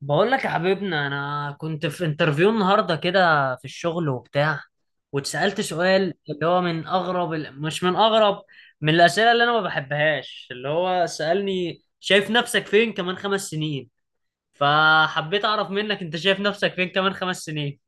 بقول لك يا حبيبنا، انا كنت في انترفيو النهارده كده في الشغل وبتاع، واتسالت سؤال اللي هو من اغرب ال- مش من اغرب من الاسئله اللي انا ما بحبهاش، اللي هو سالني شايف نفسك فين كمان 5 سنين؟ فحبيت اعرف منك، انت شايف نفسك فين كمان خمس سنين؟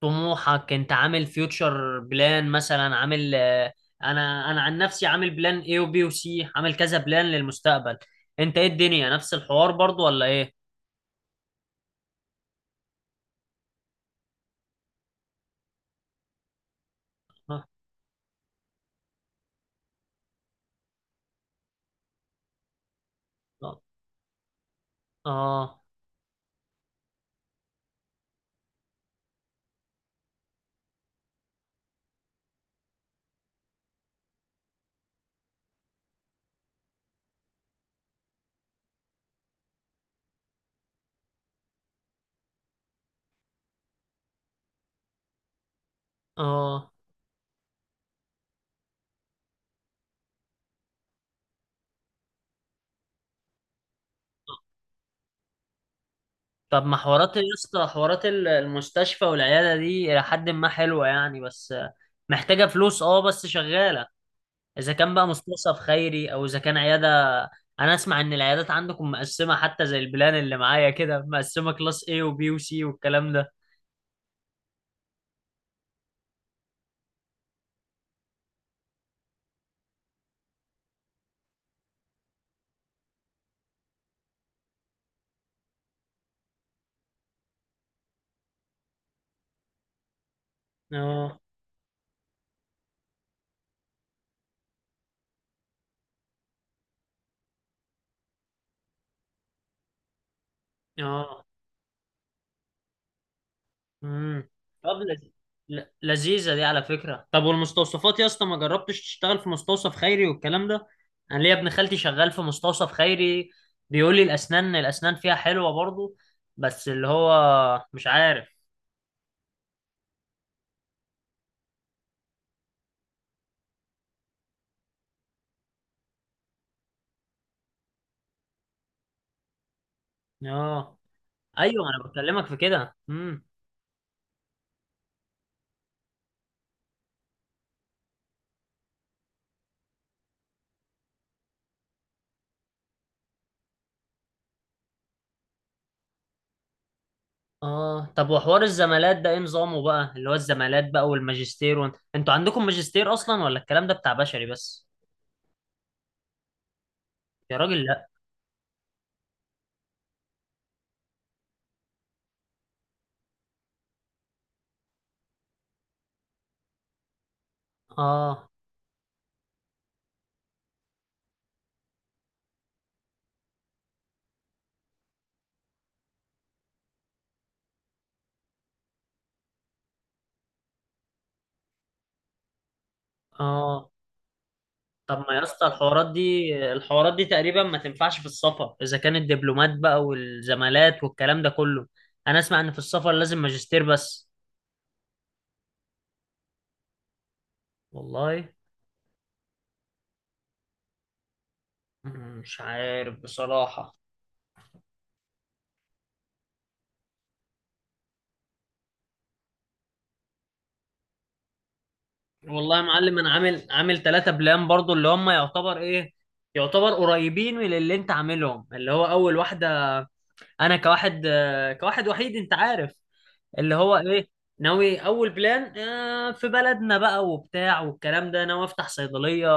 طموحك، انت عامل فيوتشر بلان مثلا، عامل انا عن نفسي عامل بلان اي وبي وسي، عامل كذا بلان للمستقبل. انت ايه؟ الدنيا نفس الحوار برضو ولا ايه؟ آه. آه. آه. اه. طب ما حوارات يا اسطى، حوارات المستشفى والعيادة دي إلى حد ما حلوة يعني، بس محتاجة فلوس. اه، بس شغالة. إذا كان بقى مستوصف خيري أو إذا كان عيادة. أنا أسمع إن العيادات عندكم مقسمة، حتى زي البلان اللي معايا كده مقسمة كلاس A و B و C والكلام ده. اه. اه. امم طب لذيذة دي على فكرة. طب والمستوصفات يا اسطى، ما جربتش تشتغل في مستوصف خيري والكلام ده؟ انا ليا ابن خالتي شغال في مستوصف خيري، بيقول لي الاسنان فيها حلوة برضو، بس اللي هو مش عارف. اه. ايوه انا بكلمك في كده. اه. طب وحوار الزمالات ده ايه نظامه بقى؟ اللي هو الزمالات بقى والماجستير، انتوا عندكم ماجستير اصلا ولا الكلام ده بتاع بشري بس؟ يا راجل لا. اه. اه. طب ما يا اسطى، الحوارات دي تقريبا ما تنفعش في السفر اذا كان الدبلومات بقى والزمالات والكلام ده كله. انا اسمع ان في السفر لازم ماجستير بس. والله. مش عارف بصراحة. والله يا معلم، انا عامل 3 بلان برضو اللي هم يعتبر ايه، يعتبر قريبين من اللي انت عاملهم. اللي هو اول واحدة، انا كواحد كواحد وحيد انت عارف، اللي هو ايه، ناوي اول بلان في بلدنا بقى وبتاع والكلام ده، ناوي افتح صيدليه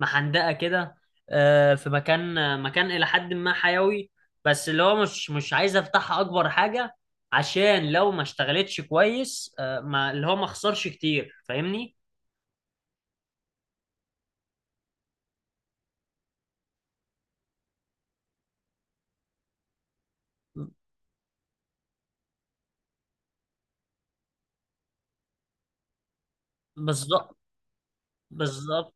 محندقه كده في مكان، مكان الى حد ما حيوي، بس اللي هو مش عايز افتحها اكبر حاجه، عشان لو ما اشتغلتش كويس ما اللي هو ما اخسرش كتير، فاهمني. بالظبط. بالظبط،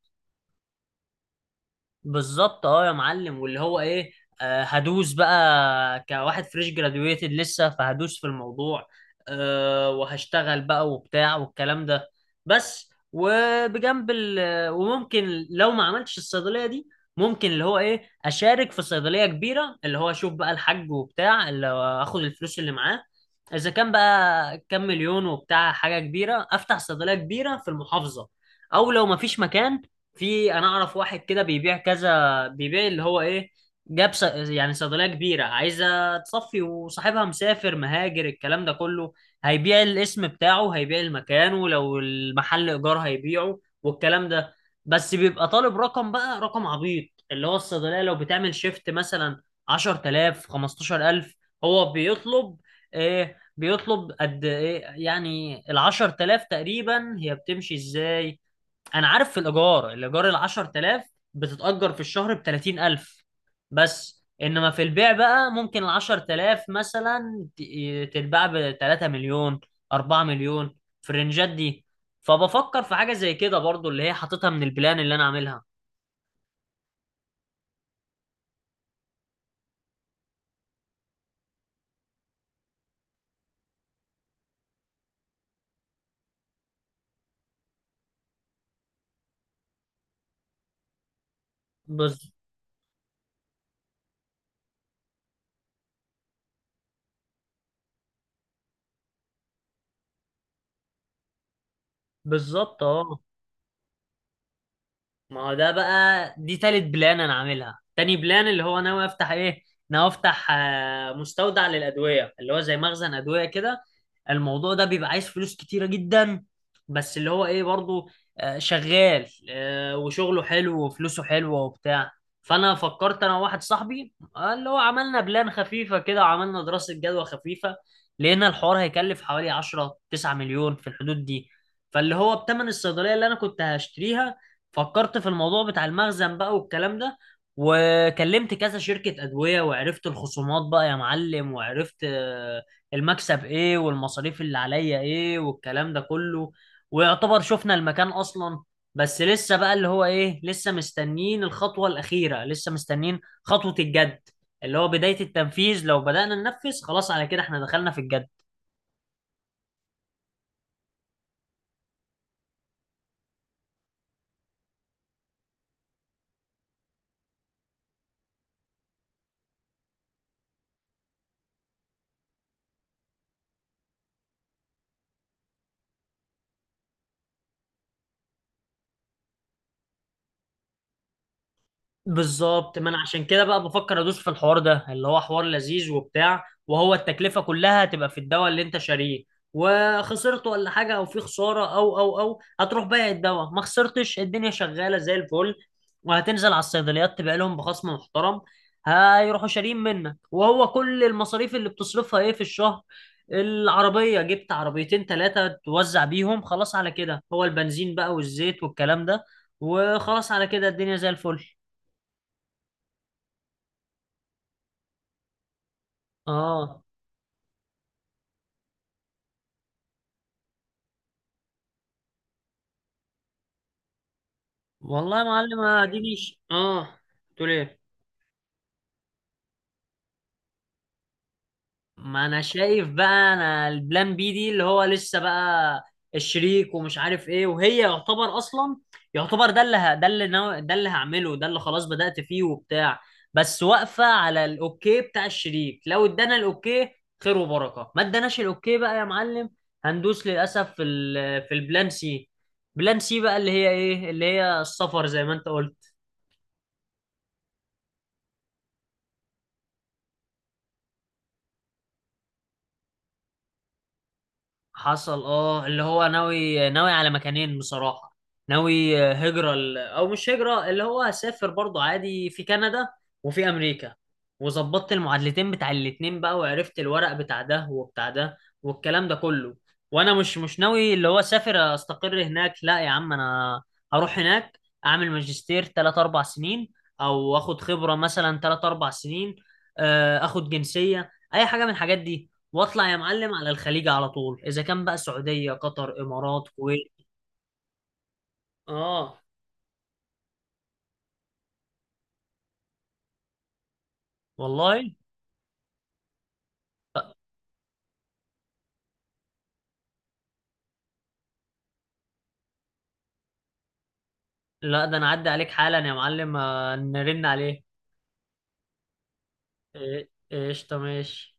بالظبط اه يا معلم، واللي هو ايه، آه هدوس بقى كواحد فريش جراديويتد لسه، فهدوس في الموضوع. آه وهشتغل بقى وبتاع والكلام ده، بس وبجنب ال وممكن لو ما عملتش الصيدلية دي، ممكن اللي هو ايه اشارك في صيدلية كبيرة، اللي هو اشوف بقى الحاج وبتاع اللي هو اخد الفلوس اللي معاه، اذا كان بقى كام مليون وبتاع حاجة كبيرة، افتح صيدلية كبيرة في المحافظة. او لو ما فيش مكان، في انا اعرف واحد كده بيبيع كذا، بيبيع اللي هو ايه، جاب يعني صيدليه كبيره عايزه تصفي، وصاحبها مسافر مهاجر الكلام ده كله، هيبيع الاسم بتاعه، هيبيع المكان، ولو المحل ايجار هيبيعه والكلام ده. بس بيبقى طالب رقم بقى، رقم عبيط. اللي هو الصيدليه لو بتعمل شيفت مثلا 10000، 15000، هو بيطلب ايه، بيطلب قد ايه يعني؟ ال 10000 تقريبا هي بتمشي ازاي؟ انا عارف في الايجار، ال 10000 بتتأجر في الشهر ب 30000، بس انما في البيع بقى ممكن ال 10000 مثلا تتباع ب 3 مليون، 4 مليون، في الرنجات دي. فبفكر في حاجة زي كده برضو، اللي هي حاططها من البلان اللي انا عاملها. بز... بالظبط اه. ما هو ده بقى، دي تالت بلان انا عاملها. تاني بلان اللي هو ناوي افتح ايه، ناوي افتح مستودع للادويه اللي هو زي مخزن ادويه كده. الموضوع ده بيبقى عايز فلوس كتيره جدا، بس اللي هو ايه برضو شغال، وشغله حلو وفلوسه حلوه وبتاع. فانا فكرت انا وواحد صاحبي، اللي هو عملنا بلان خفيفه كده وعملنا دراسه جدوى خفيفه. لقينا الحوار هيكلف حوالي 10، 9 مليون، في الحدود دي، فاللي هو بتمن الصيدليه اللي انا كنت هشتريها، فكرت في الموضوع بتاع المخزن بقى والكلام ده. وكلمت كذا شركة أدوية، وعرفت الخصومات بقى يا معلم، وعرفت المكسب إيه، والمصاريف اللي عليا إيه والكلام ده كله. ويعتبر شفنا المكان أصلا، بس لسه بقى اللي هو إيه، لسه مستنيين الخطوة الأخيرة، لسه مستنيين خطوة الجد، اللي هو بداية التنفيذ. لو بدأنا ننفذ، خلاص على كده إحنا دخلنا في الجد. بالظبط. ما انا عشان كده بقى بفكر ادوس في الحوار ده، اللي هو حوار لذيذ وبتاع، وهو التكلفه كلها هتبقى في الدواء اللي انت شاريه، وخسرت ولا حاجه، او في خساره، او او هتروح بايع الدواء، ما خسرتش، الدنيا شغاله زي الفل. وهتنزل على الصيدليات تبيع لهم بخصم محترم، هيروحوا شاريين منك. وهو كل المصاريف اللي بتصرفها ايه في الشهر؟ العربيه، جبت عربيتين ثلاثه توزع بيهم، خلاص على كده هو البنزين بقى والزيت والكلام ده، وخلاص على كده الدنيا زي الفل. اه. والله يا معلم، اديني اه. تقول ايه؟ ما انا شايف بقى، انا البلان بي دي اللي هو لسه بقى الشريك ومش عارف ايه، وهي يعتبر اصلا، يعتبر ده اللي ده اللي ده اللي هعمله، ده اللي خلاص بدأت فيه وبتاع. بس واقفة على الاوكي بتاع الشريك، لو ادانا الاوكي، خير وبركة. ما اداناش الاوكي بقى يا معلم، هندوس للاسف في في البلان سي. بلان سي بقى اللي هي ايه، اللي هي السفر زي ما انت قلت. حصل اه. اللي هو ناوي على مكانين بصراحة. ناوي هجرة او مش هجرة، اللي هو هسافر برضو عادي في كندا وفي امريكا. وظبطت المعادلتين بتاع الاتنين بقى، وعرفت الورق بتاع ده وبتاع ده والكلام ده كله. وانا مش ناوي اللي هو اسافر استقر هناك، لا يا عم. انا هروح هناك اعمل ماجستير 3، 4 سنين، او اخد خبرة مثلا 3، 4 سنين، اخد جنسية اي حاجة من الحاجات دي. واطلع يا معلم على الخليج على طول، اذا كان بقى سعوديه، قطر، امارات، كويت. اه. والله. لا، ده انا اعدي عليك حالا يا معلم، نرن عليه. قشطه، ماشي.